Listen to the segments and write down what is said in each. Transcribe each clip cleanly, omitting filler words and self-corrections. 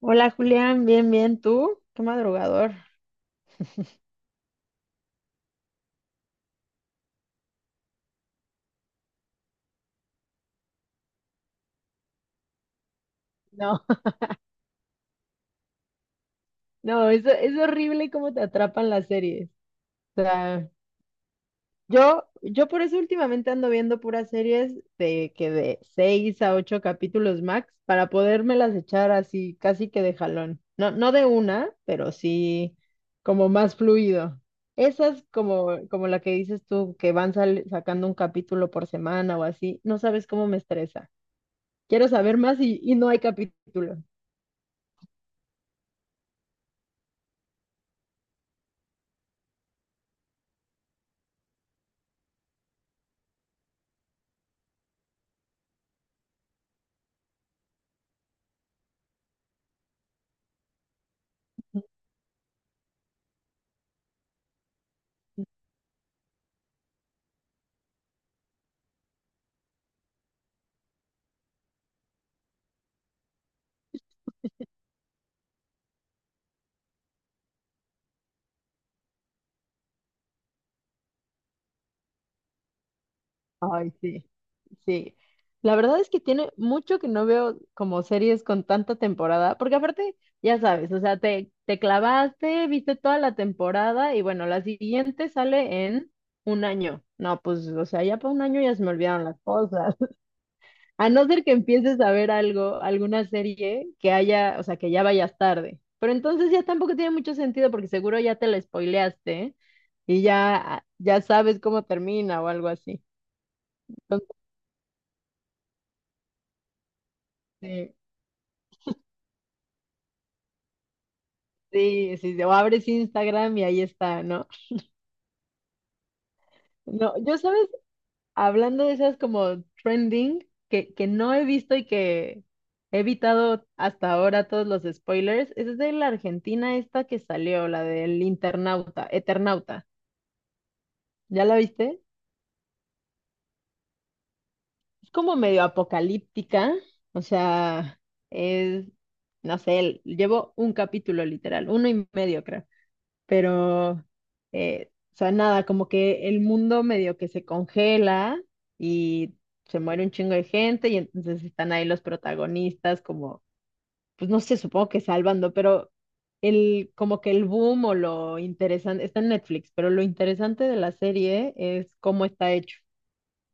Hola Julián, bien, bien, ¿tú? Qué madrugador. No, no, eso es horrible cómo te atrapan las series. O sea, yo por eso últimamente ando viendo puras series de seis a ocho capítulos max para podérmelas echar así casi que de jalón. No, no de una, pero sí como más fluido. Esas como la que dices tú, que van sacando un capítulo por semana o así, no sabes cómo me estresa. Quiero saber más y no hay capítulo. Ay, sí, sí. La verdad es que tiene mucho que no veo como series con tanta temporada, porque aparte, ya sabes, o sea, te clavaste, viste toda la temporada y bueno, la siguiente sale en un año. No, pues, o sea, ya para un año ya se me olvidaron las cosas. A no ser que empieces a ver algo, alguna serie que haya, o sea, que ya vayas tarde. Pero entonces ya tampoco tiene mucho sentido porque seguro ya te la spoileaste y ya, ya sabes cómo termina o algo así. Entonces, sí. Sí, sí, sí, o abres Instagram y ahí está, ¿no? No, yo sabes, hablando de esas como trending, que no he visto y que he evitado hasta ahora todos los spoilers, es de la Argentina esta que salió, la del internauta, Eternauta. ¿Ya la viste? Es como medio apocalíptica, o sea, es, no sé, llevo un capítulo literal, uno y medio creo. Pero, o sea, nada, como que el mundo medio que se congela y se muere un chingo de gente y entonces están ahí los protagonistas como, pues no sé, supongo que salvando, pero como que el boom o lo interesante, está en Netflix, pero lo interesante de la serie es cómo está hecho.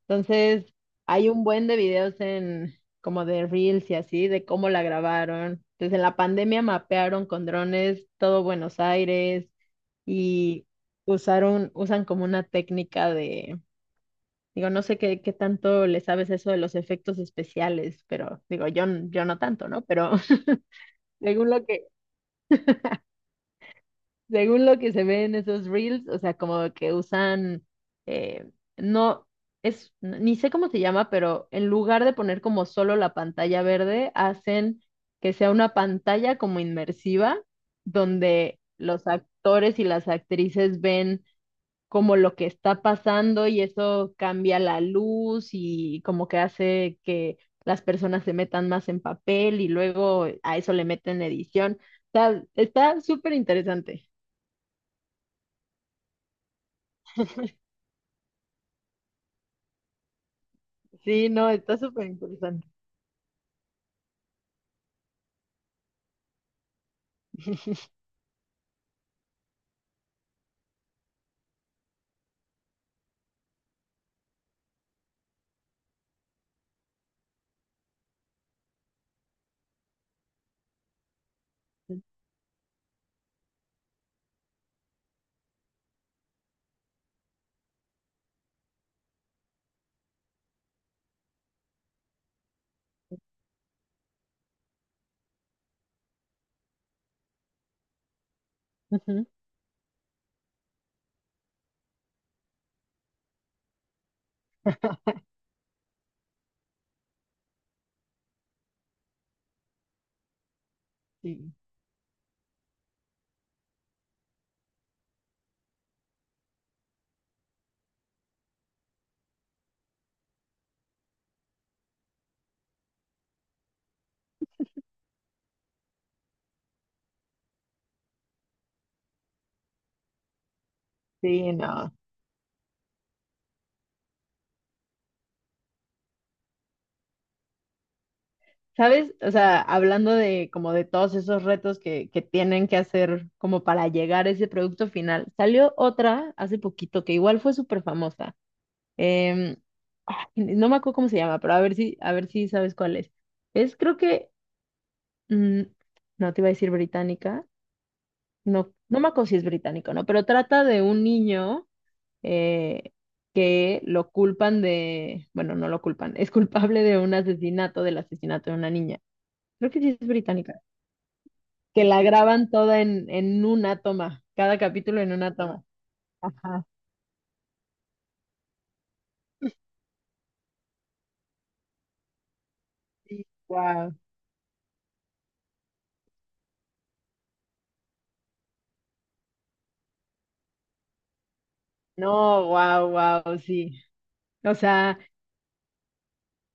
Entonces, hay un buen de videos en como de Reels y así, de cómo la grabaron. Entonces, en la pandemia mapearon con drones todo Buenos Aires y usan como una técnica de, digo, no sé qué tanto le sabes eso de los efectos especiales, pero digo, yo no tanto, ¿no? Pero según lo que Según lo que se ve en esos reels, o sea, como que usan, eh, no, ni sé cómo se llama, pero en lugar de poner como solo la pantalla verde, hacen que sea una pantalla como inmersiva, donde los actores y las actrices ven como lo que está pasando y eso cambia la luz y como que hace que las personas se metan más en papel y luego a eso le meten edición. Está súper interesante. Sí, no, está súper interesante. Ujú. Sí, sí, no. ¿Sabes? O sea, hablando de como de todos esos retos que tienen que hacer como para llegar a ese producto final, salió otra hace poquito que igual fue súper famosa. Em, ay, no me acuerdo cómo se llama, pero a ver si sabes cuál es. Es creo que, mm, no te iba a decir británica, no, no me acuerdo si es británico, ¿no? Pero trata de un niño. Eh, que lo culpan de, bueno, no lo culpan, es culpable de un asesinato, del asesinato de una niña. Creo que sí es británica. Que la graban toda en una toma, cada capítulo en una toma. Ajá. Sí, wow. No, wow, wow, sí. O sea,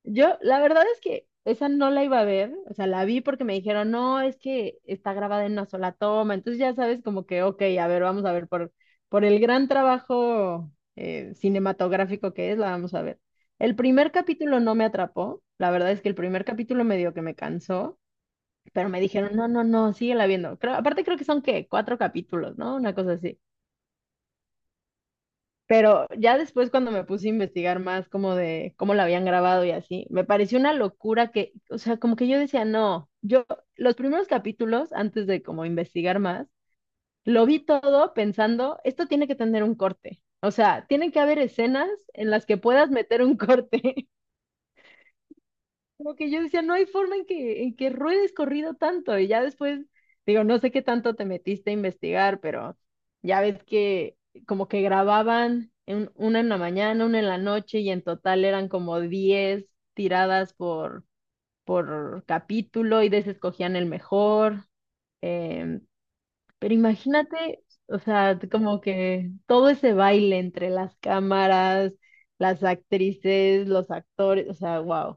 yo, la verdad es que esa no la iba a ver, o sea, la vi porque me dijeron, no, es que está grabada en una sola toma, entonces ya sabes como que, ok, a ver, vamos a ver por el gran trabajo cinematográfico que es, la vamos a ver. El primer capítulo no me atrapó, la verdad es que el primer capítulo me dio que me cansó, pero me dijeron, no, no, no, síguela viendo. Aparte creo que son, ¿qué? Cuatro capítulos, ¿no? Una cosa así. Pero ya después cuando me puse a investigar más como de cómo la habían grabado y así, me pareció una locura que, o sea, como que yo decía, no, yo los primeros capítulos, antes de como investigar más, lo vi todo pensando, esto tiene que tener un corte. O sea, tienen que haber escenas en las que puedas meter un corte. Como que yo decía, no hay forma en que ruedes corrido tanto. Y ya después, digo, no sé qué tanto te metiste a investigar, pero ya ves que como que grababan una en la mañana, una en la noche, y en total eran como 10 tiradas por capítulo y desescogían el mejor. Em, pero imagínate, o sea, como que todo ese baile entre las cámaras, las actrices, los actores, o sea, wow.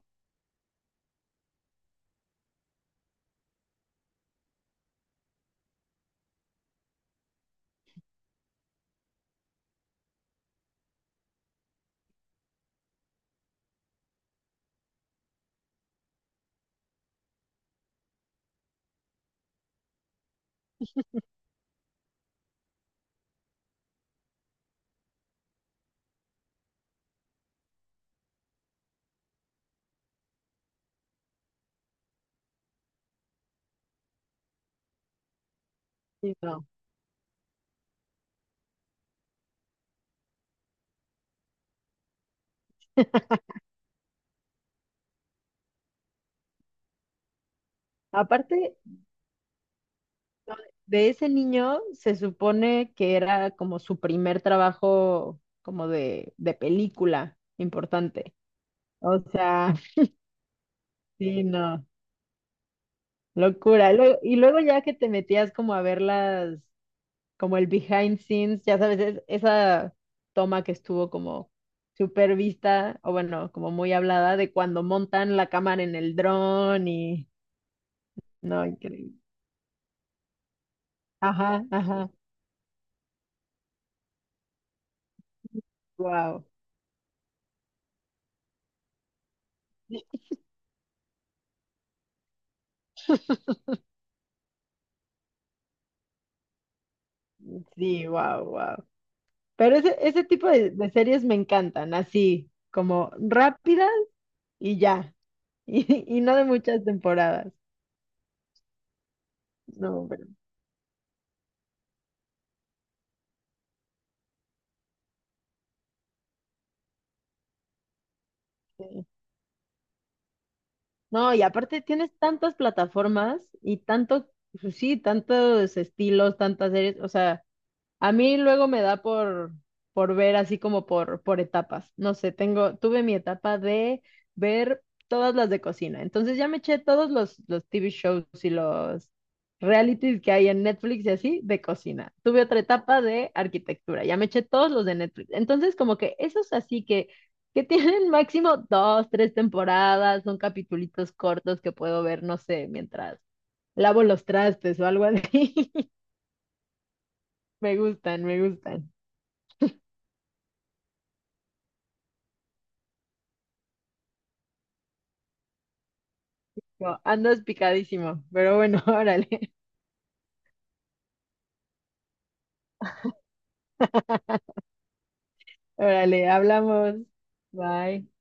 Aparte no, de ese niño, se supone que era como su primer trabajo como de película importante. O sea, sí, no, locura. Y luego ya que te metías como a ver como el behind scenes, ya sabes, esa toma que estuvo como super vista, o bueno, como muy hablada de cuando montan la cámara en el dron y, no, increíble. Ajá, ajá, wow. Sí, wow, wow. Pero ese tipo de series me encantan, así, como rápidas y ya. Y no de muchas temporadas. No, pero sí. No, y aparte tienes tantas plataformas y tanto, pues sí, tantos estilos, tantas series. O sea, a mí luego me da por ver así como por etapas. No sé, tuve mi etapa de ver todas las de cocina. Entonces ya me eché todos los TV shows y los realities que hay en Netflix y así de cocina. Tuve otra etapa de arquitectura. Ya me eché todos los de Netflix. Entonces como que esos así que tienen máximo dos, tres temporadas, son capitulitos cortos que puedo ver, no sé, mientras lavo los trastes o algo así. Me gustan, me gustan. No, andas picadísimo, pero bueno, órale, órale, hablamos. Bye.